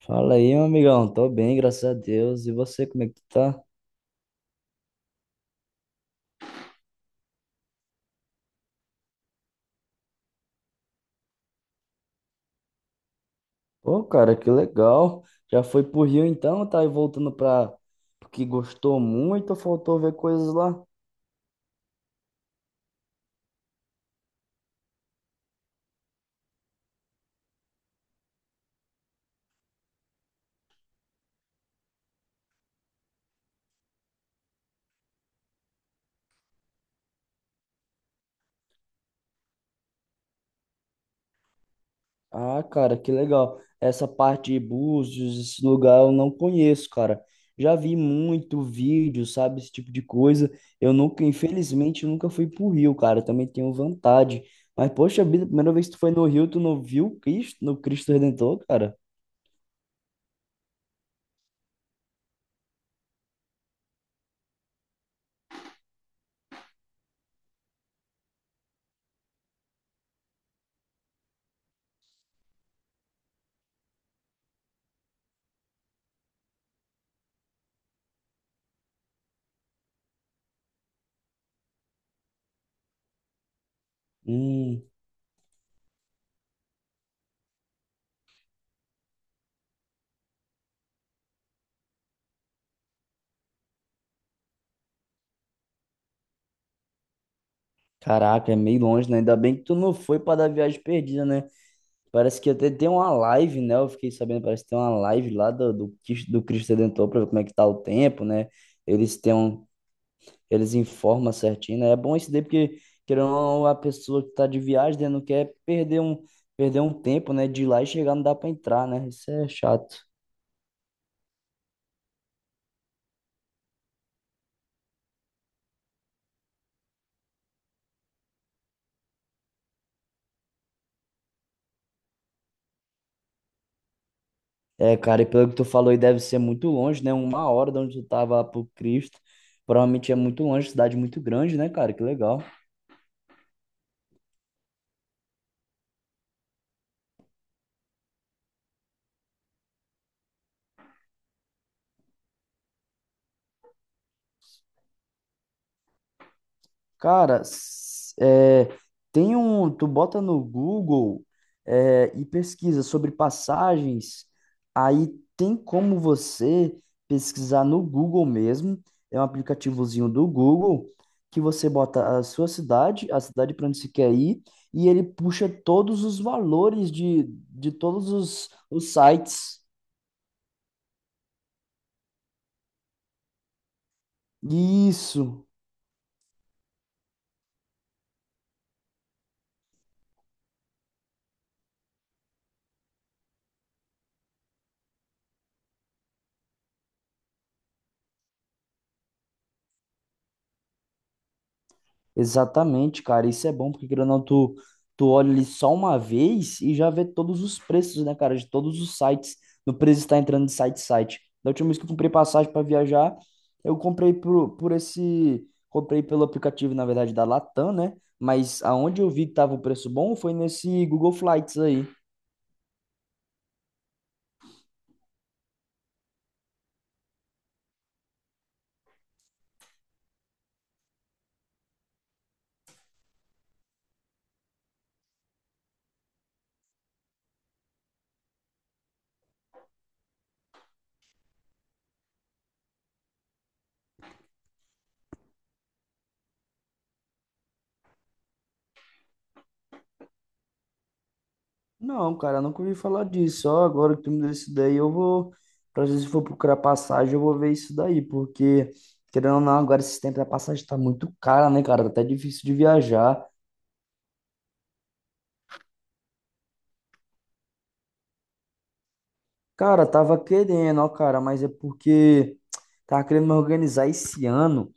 Fala aí, meu amigão. Tô bem, graças a Deus. E você, como é que tu tá? Pô, cara, que legal. Já foi pro Rio então, tá aí voltando pra... Porque gostou muito, ou faltou ver coisas lá? Ah, cara, que legal. Essa parte de Búzios, esse lugar eu não conheço, cara. Já vi muito vídeo, sabe, esse tipo de coisa. Eu nunca, infelizmente, eu nunca fui pro Rio, cara. Eu também tenho vontade. Mas, poxa vida, a primeira vez que tu foi no Rio, tu não viu o Cristo, no Cristo Redentor, cara? Hum. Caraca, é meio longe, né? Ainda bem que tu não foi para dar viagem perdida, né? Parece que até tem uma live, né? Eu fiquei sabendo, parece que tem uma live lá do Cristo Redentor para ver como é que tá o tempo, né? Eles têm um, eles informam certinho, né? É bom isso daí porque, querendo ou não, a pessoa que tá de viagem, né, não quer perder um tempo, né? De ir lá e chegar não dá para entrar, né? Isso é chato. É, cara, e pelo que tu falou, aí deve ser muito longe, né? Uma hora de onde tu tava lá pro Cristo. Provavelmente é muito longe, cidade muito grande, né, cara? Que legal. Cara, é, tem um. Tu bota no Google, é, e pesquisa sobre passagens, aí tem como você pesquisar no Google mesmo. É um aplicativozinho do Google que você bota a sua cidade, a cidade para onde você quer ir, e ele puxa todos os valores de os sites. Isso. Exatamente, cara. Isso é bom, porque, querendo ou não, tu olha ali só uma vez e já vê todos os preços, né, cara, de todos os sites. No preço está entrando de site em site. Da última vez que eu comprei passagem para viajar, eu comprei por esse. Comprei pelo aplicativo, na verdade, da Latam, né? Mas aonde eu vi que tava o preço bom foi nesse Google Flights aí. Não, cara, nunca ouvi falar disso. Só agora que tu me deu isso daí, eu vou. Pra vezes se for procurar passagem, eu vou ver isso daí, porque, querendo ou não, agora esse tempo da passagem tá muito cara, né, cara? Tá até difícil de viajar. Cara, tava querendo, ó, cara, mas é porque tava querendo me organizar esse ano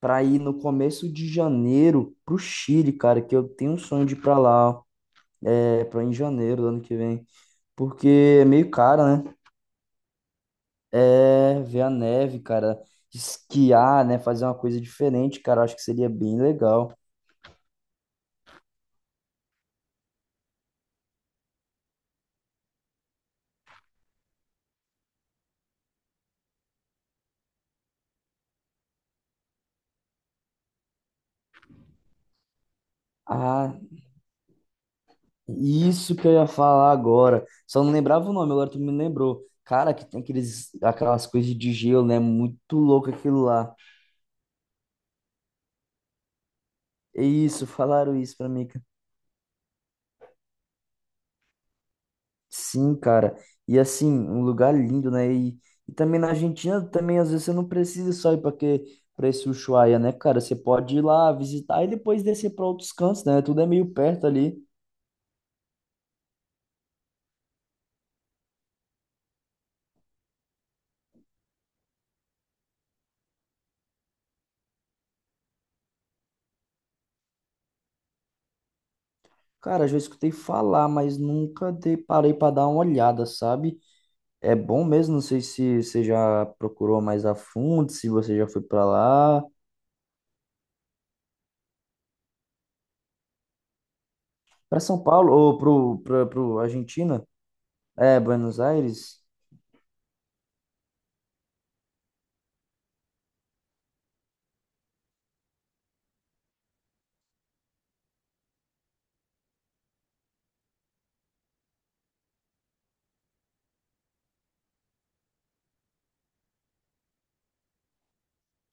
pra ir no começo de janeiro pro Chile, cara, que eu tenho um sonho de ir pra lá, ó, é, pra em janeiro do ano que vem, porque é meio caro, né? É, ver a neve, cara. Esquiar, né? Fazer uma coisa diferente, cara. Eu Acho que seria bem legal. Ah, isso que eu ia falar agora. Só não lembrava o nome, agora tu me lembrou. Cara, que tem aquelas coisas de gelo, né? Muito louco aquilo lá. É isso, falaram isso pra mim, cara. Sim, cara. E assim, um lugar lindo, né? E também na Argentina, também às vezes você não precisa só pra esse Ushuaia, né, cara? Você pode ir lá visitar e depois descer pra outros cantos, né? Tudo é meio perto ali. Cara, já escutei falar, mas nunca dei, parei para dar uma olhada, sabe? É bom mesmo, não sei se você já procurou mais a fundo, se você já foi para lá, para São Paulo ou pro Argentina, é, Buenos Aires.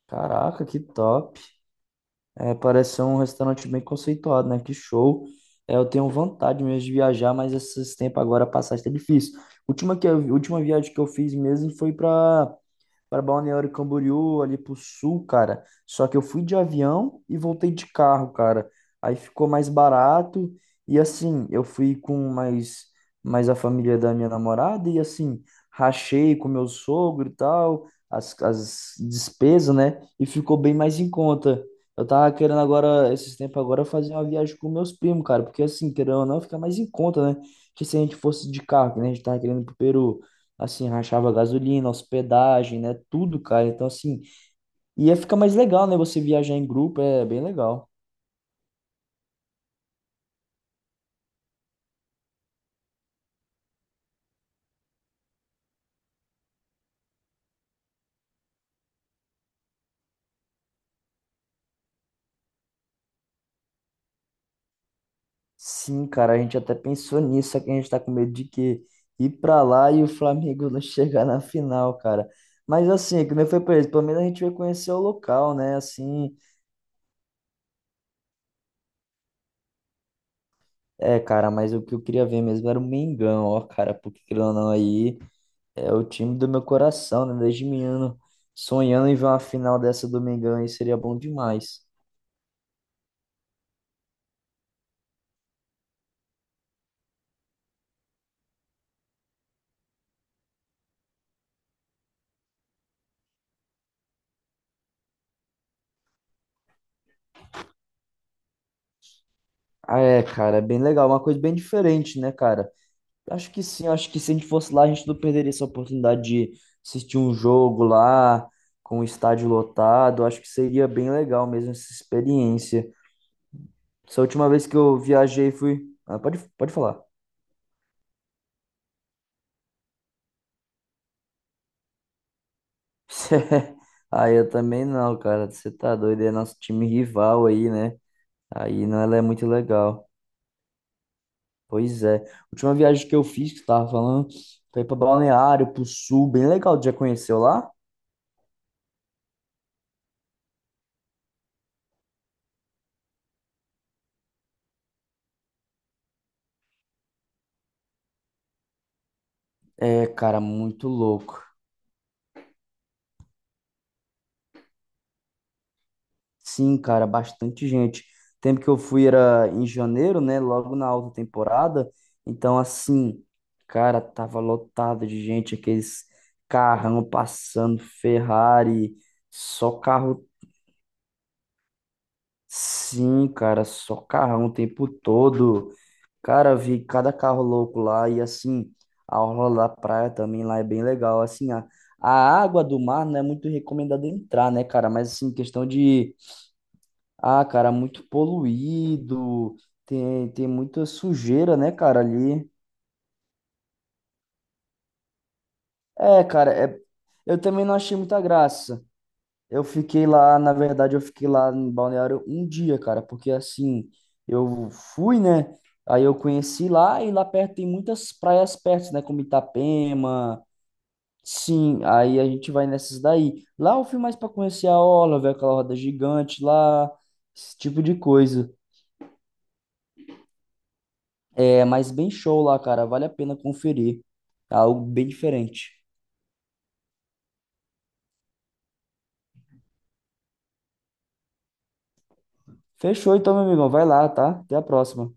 Caraca, que top. É, parece ser um restaurante bem conceituado, né? Que show. É, eu tenho vontade mesmo de viajar, mas esses tempos agora a passagem tá difícil. Última viagem que eu fiz mesmo foi para Balneário Camboriú, ali pro sul, cara. Só que eu fui de avião e voltei de carro, cara. Aí ficou mais barato e assim, eu fui com mais a família da minha namorada e assim, rachei com meu sogro e tal, as despesas, né? E ficou bem mais em conta. Eu tava querendo agora, esses tempos agora, fazer uma viagem com meus primos, cara, porque assim, querendo ou não, fica mais em conta, né? Que se a gente fosse de carro, que nem a gente tava querendo ir pro Peru, assim, rachava gasolina, hospedagem, né? Tudo, cara. Então, assim, ia ficar mais legal, né? Você viajar em grupo é bem legal. Sim, cara, a gente até pensou nisso, só que a gente tá com medo de que ir pra lá e o Flamengo não chegar na final, cara. Mas assim, é que nem foi pra eles, pelo menos a gente vai conhecer o local, né? Assim, é, cara, mas o que eu queria ver mesmo era o Mengão, ó, cara, porque, querendo ou não aí, é o time do meu coração, né? Desde menino, sonhando em ver uma final dessa do Mengão aí, seria bom demais. Ah, é, cara, é bem legal, é uma coisa bem diferente, né, cara? Acho que sim, acho que se a gente fosse lá, a gente não perderia essa oportunidade de assistir um jogo lá, com o estádio lotado. Acho que seria bem legal mesmo essa experiência. Essa última vez que eu viajei fui. Ah, pode falar. Ah, eu também não, cara. Você tá doido, é nosso time rival aí, né? Aí não, ela é muito legal. Pois é. Última viagem que eu fiz, que eu tava falando, foi pra Balneário, pro Sul, bem legal. Já conheceu lá? É, cara, muito louco. Sim, cara, bastante gente. O tempo que eu fui era em janeiro, né? Logo na alta temporada. Então, assim, cara, tava lotado de gente, aqueles carrão passando, Ferrari, só carro. Sim, cara, só carrão o tempo todo. Cara, eu vi cada carro louco lá e assim, a orla da praia também lá é bem legal. Assim, a água do mar não é muito recomendada entrar, né, cara? Mas assim, questão de... Ah, cara, muito poluído, tem muita sujeira, né, cara, ali. É, cara, é, eu também não achei muita graça. Eu fiquei lá, na verdade, eu fiquei lá em Balneário um dia, cara, porque assim, eu fui, né, aí eu conheci lá e lá perto tem muitas praias perto, né, como Itapema, sim, aí a gente vai nessas daí. Lá eu fui mais pra conhecer a orla, ver aquela roda gigante lá, esse tipo de coisa. É, mas bem show lá, cara. Vale a pena conferir. É algo bem diferente. Fechou então, meu amigão. Vai lá, tá? Até a próxima.